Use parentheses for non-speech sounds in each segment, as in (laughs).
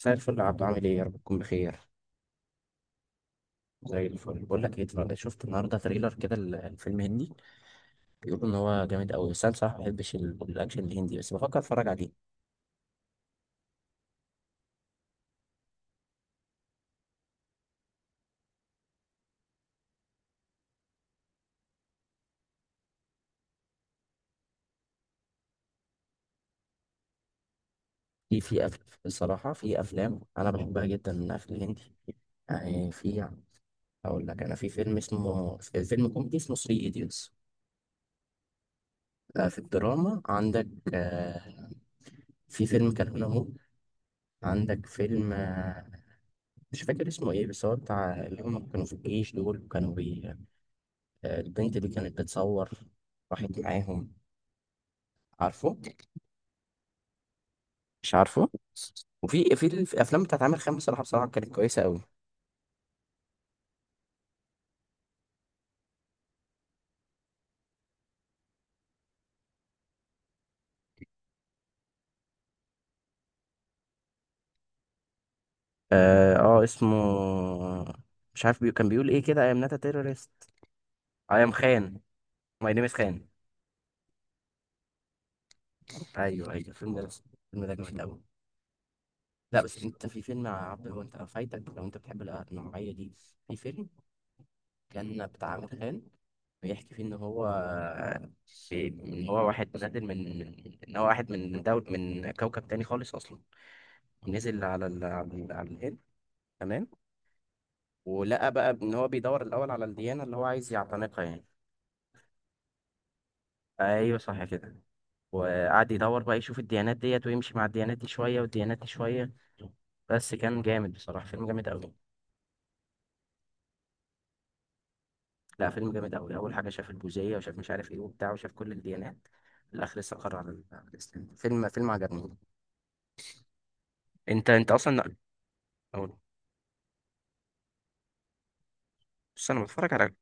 مساء الفل يا عبدو، عامل ايه؟ يا رب تكون بخير. زي الفل. بقول لك ايه، شفت النهارده تريلر كده الفيلم هندي. بيقولوا ان هو جامد قوي، بس انا بصراحه ما بحبش الاكشن الهندي، بس بفكر اتفرج عليه. في في أف... الصراحه في افلام انا بحبها جدا في الهندي، يعني في. اقول لك، انا في فيلم اسمه، فيلم كوميدي اسمه 3 ايديوتس. في الدراما عندك، آه، في فيلم كان هنا، هو عندك فيلم، مش فاكر اسمه ايه، بس هو بتاع اللي هم كانوا في الجيش دول، وكانوا البنت دي كانت بتصور، راحت معاهم. عارفه؟ مش عارفه. وفي الافلام بتاعت عامر خان، بصراحه كانت كويسه قوي. اه، اسمه، مش عارف بي... كان بيقول ايه كده: اي ام ناتا تيرورست، اي ام خان. ماي نيم از خان. ايوه ايوه، الفيلم ده الفيلم ده جامد قوي. لا، بس انت في فيلم يا عبد، هو انت فايتك لو انت بتحب النوعيه دي. في فيلم كان بتاع امتحان، بيحكي فيه ان هو، ان هو واحد نازل ان هو واحد من دول، من كوكب تاني خالص اصلا، ونزل على الهند. تمام. ولقى بقى ان هو بيدور الاول على الديانه اللي هو عايز يعتنقها يعني. ايوه صح كده. وقعد يدور بقى يشوف الديانات ديت، ويمشي مع الديانات دي شويه والديانات دي شويه، بس كان جامد بصراحه، فيلم جامد قوي. لا، فيلم جامد قوي. اول حاجه شاف البوذيه، وشاف مش عارف ايه وبتاع، وشاف كل الديانات. في الاخر لسه قرر على الاسلام. فيلم عجبني. انت اصلا. أو- بص، انا بتفرج على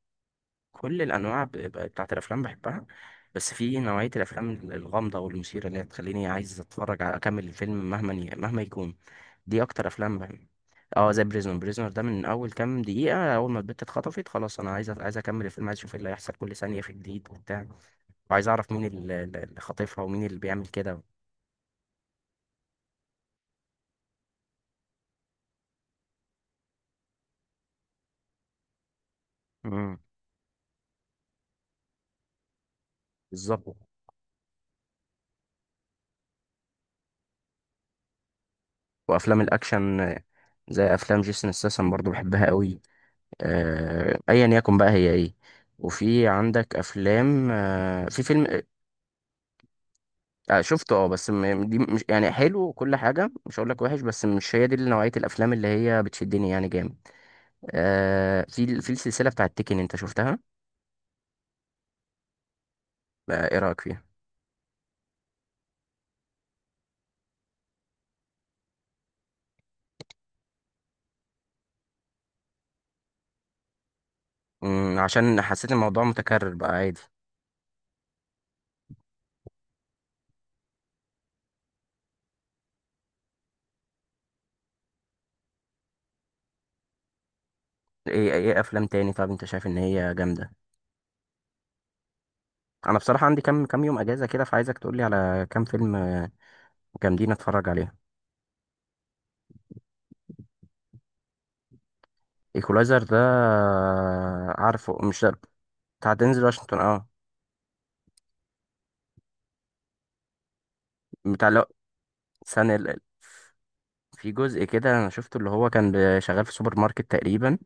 كل الانواع، بتاعت الافلام بحبها، بس في نوعيه الافلام الغامضه والمثيره اللي هي تخليني عايز اتفرج على، اكمل الفيلم مهما يكون. دي اكتر افلام بحب. اه، زي بريزونر، ده من اول كام دقيقه، اول ما البت اتخطفت خلاص انا عايز، عايز اكمل الفيلم، عايز اشوف ايه اللي هيحصل. كل ثانيه في جديد وبتاع، وعايز اعرف مين اللي خاطفها، ومين اللي بيعمل كده. مم. بالظبط. وافلام الاكشن، زي افلام جيسون ستاثام برضو بحبها قوي. ايا يكن بقى، هي ايه. وفي عندك افلام آه، في فيلم آه، آه، شفته اه، بس دي مش يعني حلو وكل حاجه، مش هقول لك وحش، بس مش هي دي نوعيه الافلام اللي هي بتشدني يعني جامد. في السلسله بتاعت تيكن، انت شفتها؟ ايه رايك فيها؟ مم، عشان حسيت الموضوع متكرر بقى عادي. ايه ايه، افلام تاني، طب انت شايف ان هي جامده؟ انا بصراحه عندي كام كام يوم اجازه كده، فعايزك تقولي على كام فيلم جامدين اتفرج عليهم. ايكولايزر ده، عارفه مش ده بتاع دينزل واشنطن؟ اه. بتاع، لو سنة ال- في جزء كده انا شفته، اللي هو كان شغال في سوبر ماركت تقريبا،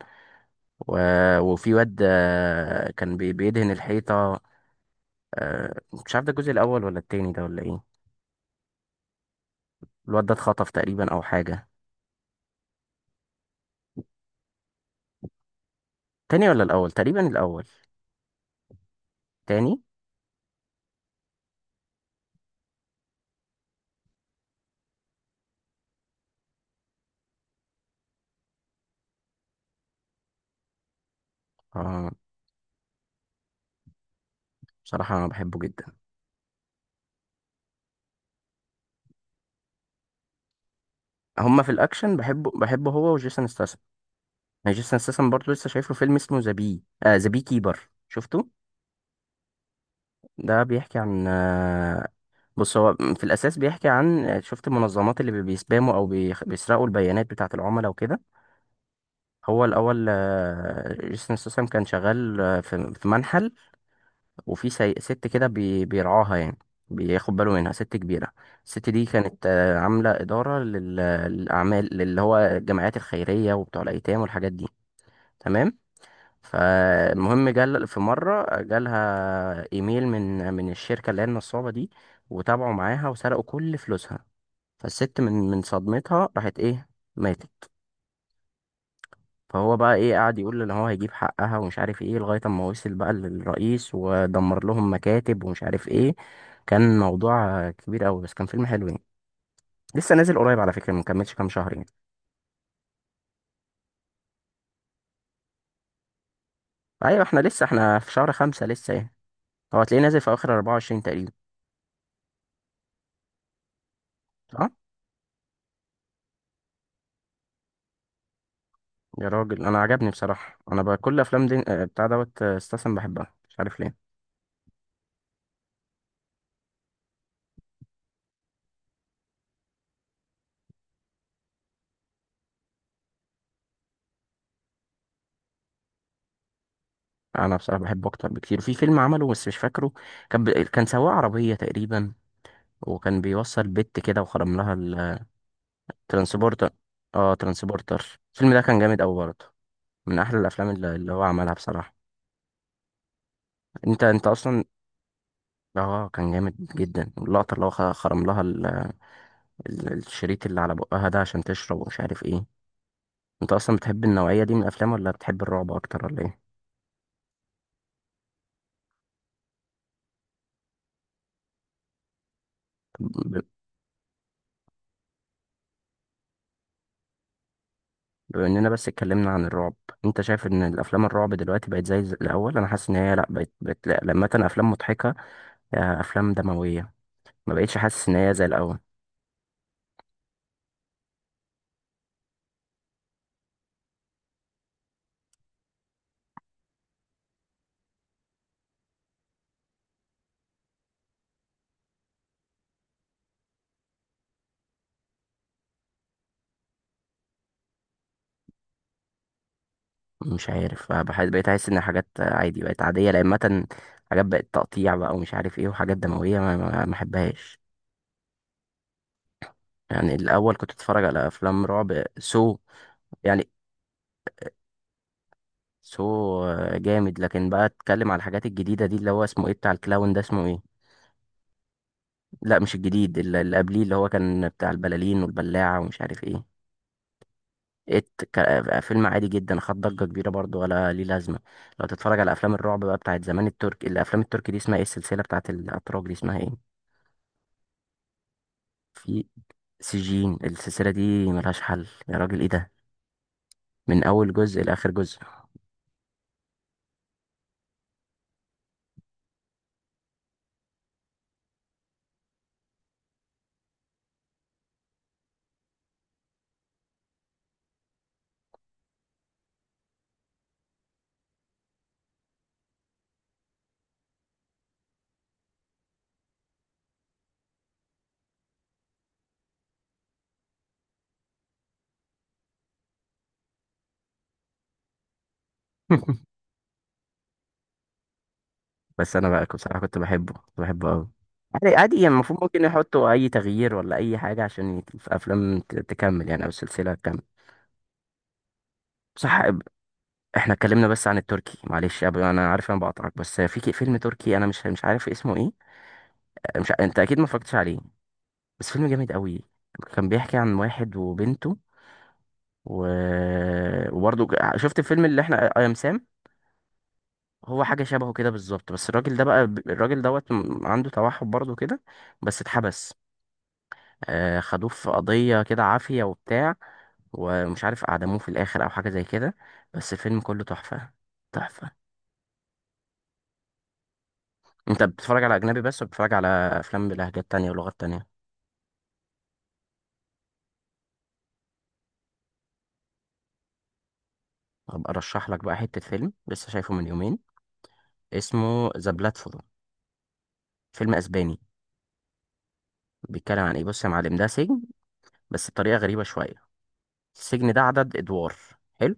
و... وفي واد كان بيدهن الحيطة، آه، مش عارف ده الجزء الاول ولا التاني ده ولا ايه. الواد ده اتخطف تقريبا، او حاجة. تاني ولا الاول؟ تقريبا الاول. تاني. اه، بصراحة انا بحبه جدا. هما في الاكشن، بحبه بحبه هو وجيسون ستاثام. يعني جيسون ستاثام برضه، لسه شايف له فيلم اسمه ذا بي كيبر، شفته؟ ده بيحكي عن، بص هو في الأساس بيحكي عن، شفت المنظمات اللي بيسباموا أو بيسرقوا البيانات بتاعة العملاء وكده. هو الأول جيسون ستاثام كان شغال في منحل، وفي ست كده بيرعاها يعني، بياخد باله منها، ست كبيرة. الست دي كانت عاملة إدارة للأعمال، اللي هو الجمعيات الخيرية وبتوع الأيتام والحاجات دي. تمام. فالمهم جال في مرة، جالها إيميل من الشركة اللي هي النصابة دي، وتابعوا معاها وسرقوا كل فلوسها. فالست من صدمتها راحت ايه، ماتت. فهو بقى ايه، قعد يقول ان هو هيجيب حقها ومش عارف ايه، لغاية اما وصل بقى للرئيس، ودمر لهم مكاتب ومش عارف ايه. كان موضوع كبير قوي، بس كان فيلم حلو يعني. لسه نازل قريب على فكرة، مكملش كام شهر يعني. ايوه، احنا لسه في شهر خمسة لسه يعني. هو هتلاقيه نازل في اخر 24 تقريبا. صح. يا راجل، انا عجبني بصراحة. انا بقى كل افلام دي، بتاع دوت، استسلم، بحبها مش عارف ليه. انا بصراحة بحبه اكتر بكتير. في فيلم عمله بس مش فاكره، كان سواق عربية تقريبا، وكان بيوصل بت كده وخرم لها. الترانسبورتر. اه، ترانسبورتر، الفيلم ده كان جامد أوي برضه. من أحلى الأفلام اللي هو عملها بصراحة. أنت أصلا. اه، كان جامد جدا. اللقطة اللي هو خرم لها الشريط اللي على بقها ده عشان تشرب، ومش عارف ايه. أنت أصلا بتحب النوعية دي من الأفلام، ولا بتحب الرعب أكتر، ولا ايه؟ ب- بما إننا بس اتكلمنا عن الرعب، أنت شايف إن الأفلام الرعب دلوقتي بقت زي الأول؟ أنا حاسس إن هي لأ، بقت لأ، لما كان أفلام مضحكة، أفلام دموية، ما بقتش حاسس إن هي زي الأول. مش عارف، بحس بقيت احس ان حاجات عادي بقت عاديه، لان مثلا حاجات بقت تقطيع بقى ومش عارف ايه، وحاجات دمويه ما احبهاش. يعني الاول كنت اتفرج على افلام رعب يعني سو جامد. لكن بقى اتكلم على الحاجات الجديده دي، اللي هو اسمه ايه بتاع الكلاون ده اسمه ايه؟ لا مش الجديد، اللي قبليه اللي هو كان بتاع البلالين والبلاعه ومش عارف ايه. ات. فيلم عادي جدا، خد ضجه كبيره برضو ولا ليه لازمه. لو تتفرج على افلام الرعب بقى بتاعت زمان، الترك، الافلام التركي دي اسمها ايه، السلسله بتاعت الاتراك دي اسمها ايه؟ في سجين، السلسلة دي ملهاش حل يا راجل، ايه ده؟ من أول جزء لآخر جزء. (laughs) بس أنا بقى بصراحة كنت بحبه، كنت بحبه أوي. عادي عادي يعني، المفروض ممكن يحطوا أي تغيير ولا أي حاجة عشان في أفلام تكمل يعني، أو السلسلة تكمل. صح. احنا اتكلمنا بس عن التركي، معلش انا عارف انا بقطعك، بس في فيلم تركي انا مش عارف اسمه ايه، مش ع- انت اكيد ما اتفرجتش عليه، بس فيلم جامد قوي. كان بيحكي عن واحد وبنته، و... وبرضه شفت الفيلم اللي احنا اي ام سام. هو حاجة شبهه كده بالظبط، بس الراجل ده بقى الراجل دوت عنده توحد برضه كده، بس اتحبس. خدوه في قضية كده عافية وبتاع، ومش عارف أعدموه في الآخر أو حاجة زي كده، بس الفيلم كله تحفة. تحفة. أنت بتتفرج على أجنبي بس، ولا بتتفرج على أفلام بلهجات تانية ولغات تانية؟ هبقى أرشح لك بقى حتة فيلم لسه شايفه من يومين، اسمه ذا بلاتفورم، فيلم أسباني. بيتكلم عن إيه؟ بص يا معلم، ده سجن، بس بطريقة غريبة شوية. السجن ده عدد أدوار. حلو؟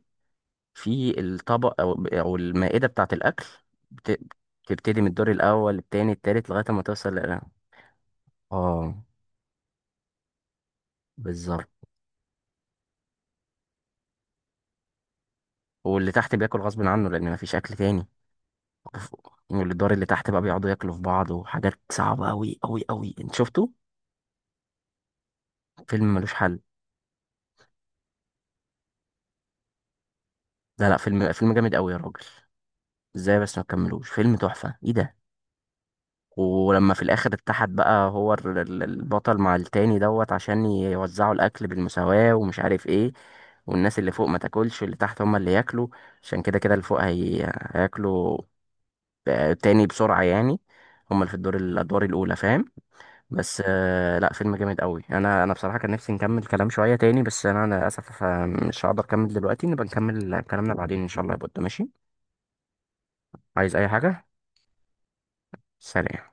في الطبق او المائده بتاعه الاكل، بت... بتبتدي من الدور الاول، التاني، التالت، لغايه ما توصل اه، بالظبط. واللي تحت بياكل غصب عنه لان مفيش اكل تاني. وف- واللي الدور اللي تحت بقى بيقعدوا ياكلوا في بعض، وحاجات صعبه قوي قوي قوي، انت شفته؟ فيلم ملوش حل. لا لا، فيلم جامد قوي يا راجل، ازاي بس ما تكملوش فيلم تحفه ايه ده؟ ولما في الاخر اتحد بقى هو البطل مع التاني دوت عشان يوزعوا الاكل بالمساواة ومش عارف ايه، والناس اللي فوق ما تاكلش، واللي تحت هما اللي ياكلوا، عشان كده كده اللي فوق هياكلوا تاني بسرعة يعني، هما اللي في الادوار الاولى، فاهم؟ بس آه، لا فيلم جامد قوي. انا بصراحة كان نفسي نكمل كلام شوية تاني، بس انا للاسف مش هقدر اكمل دلوقتي، نبقى نكمل كلامنا بعدين ان شاء الله يا بود. ماشي؟ عايز اي حاجة؟ سلام.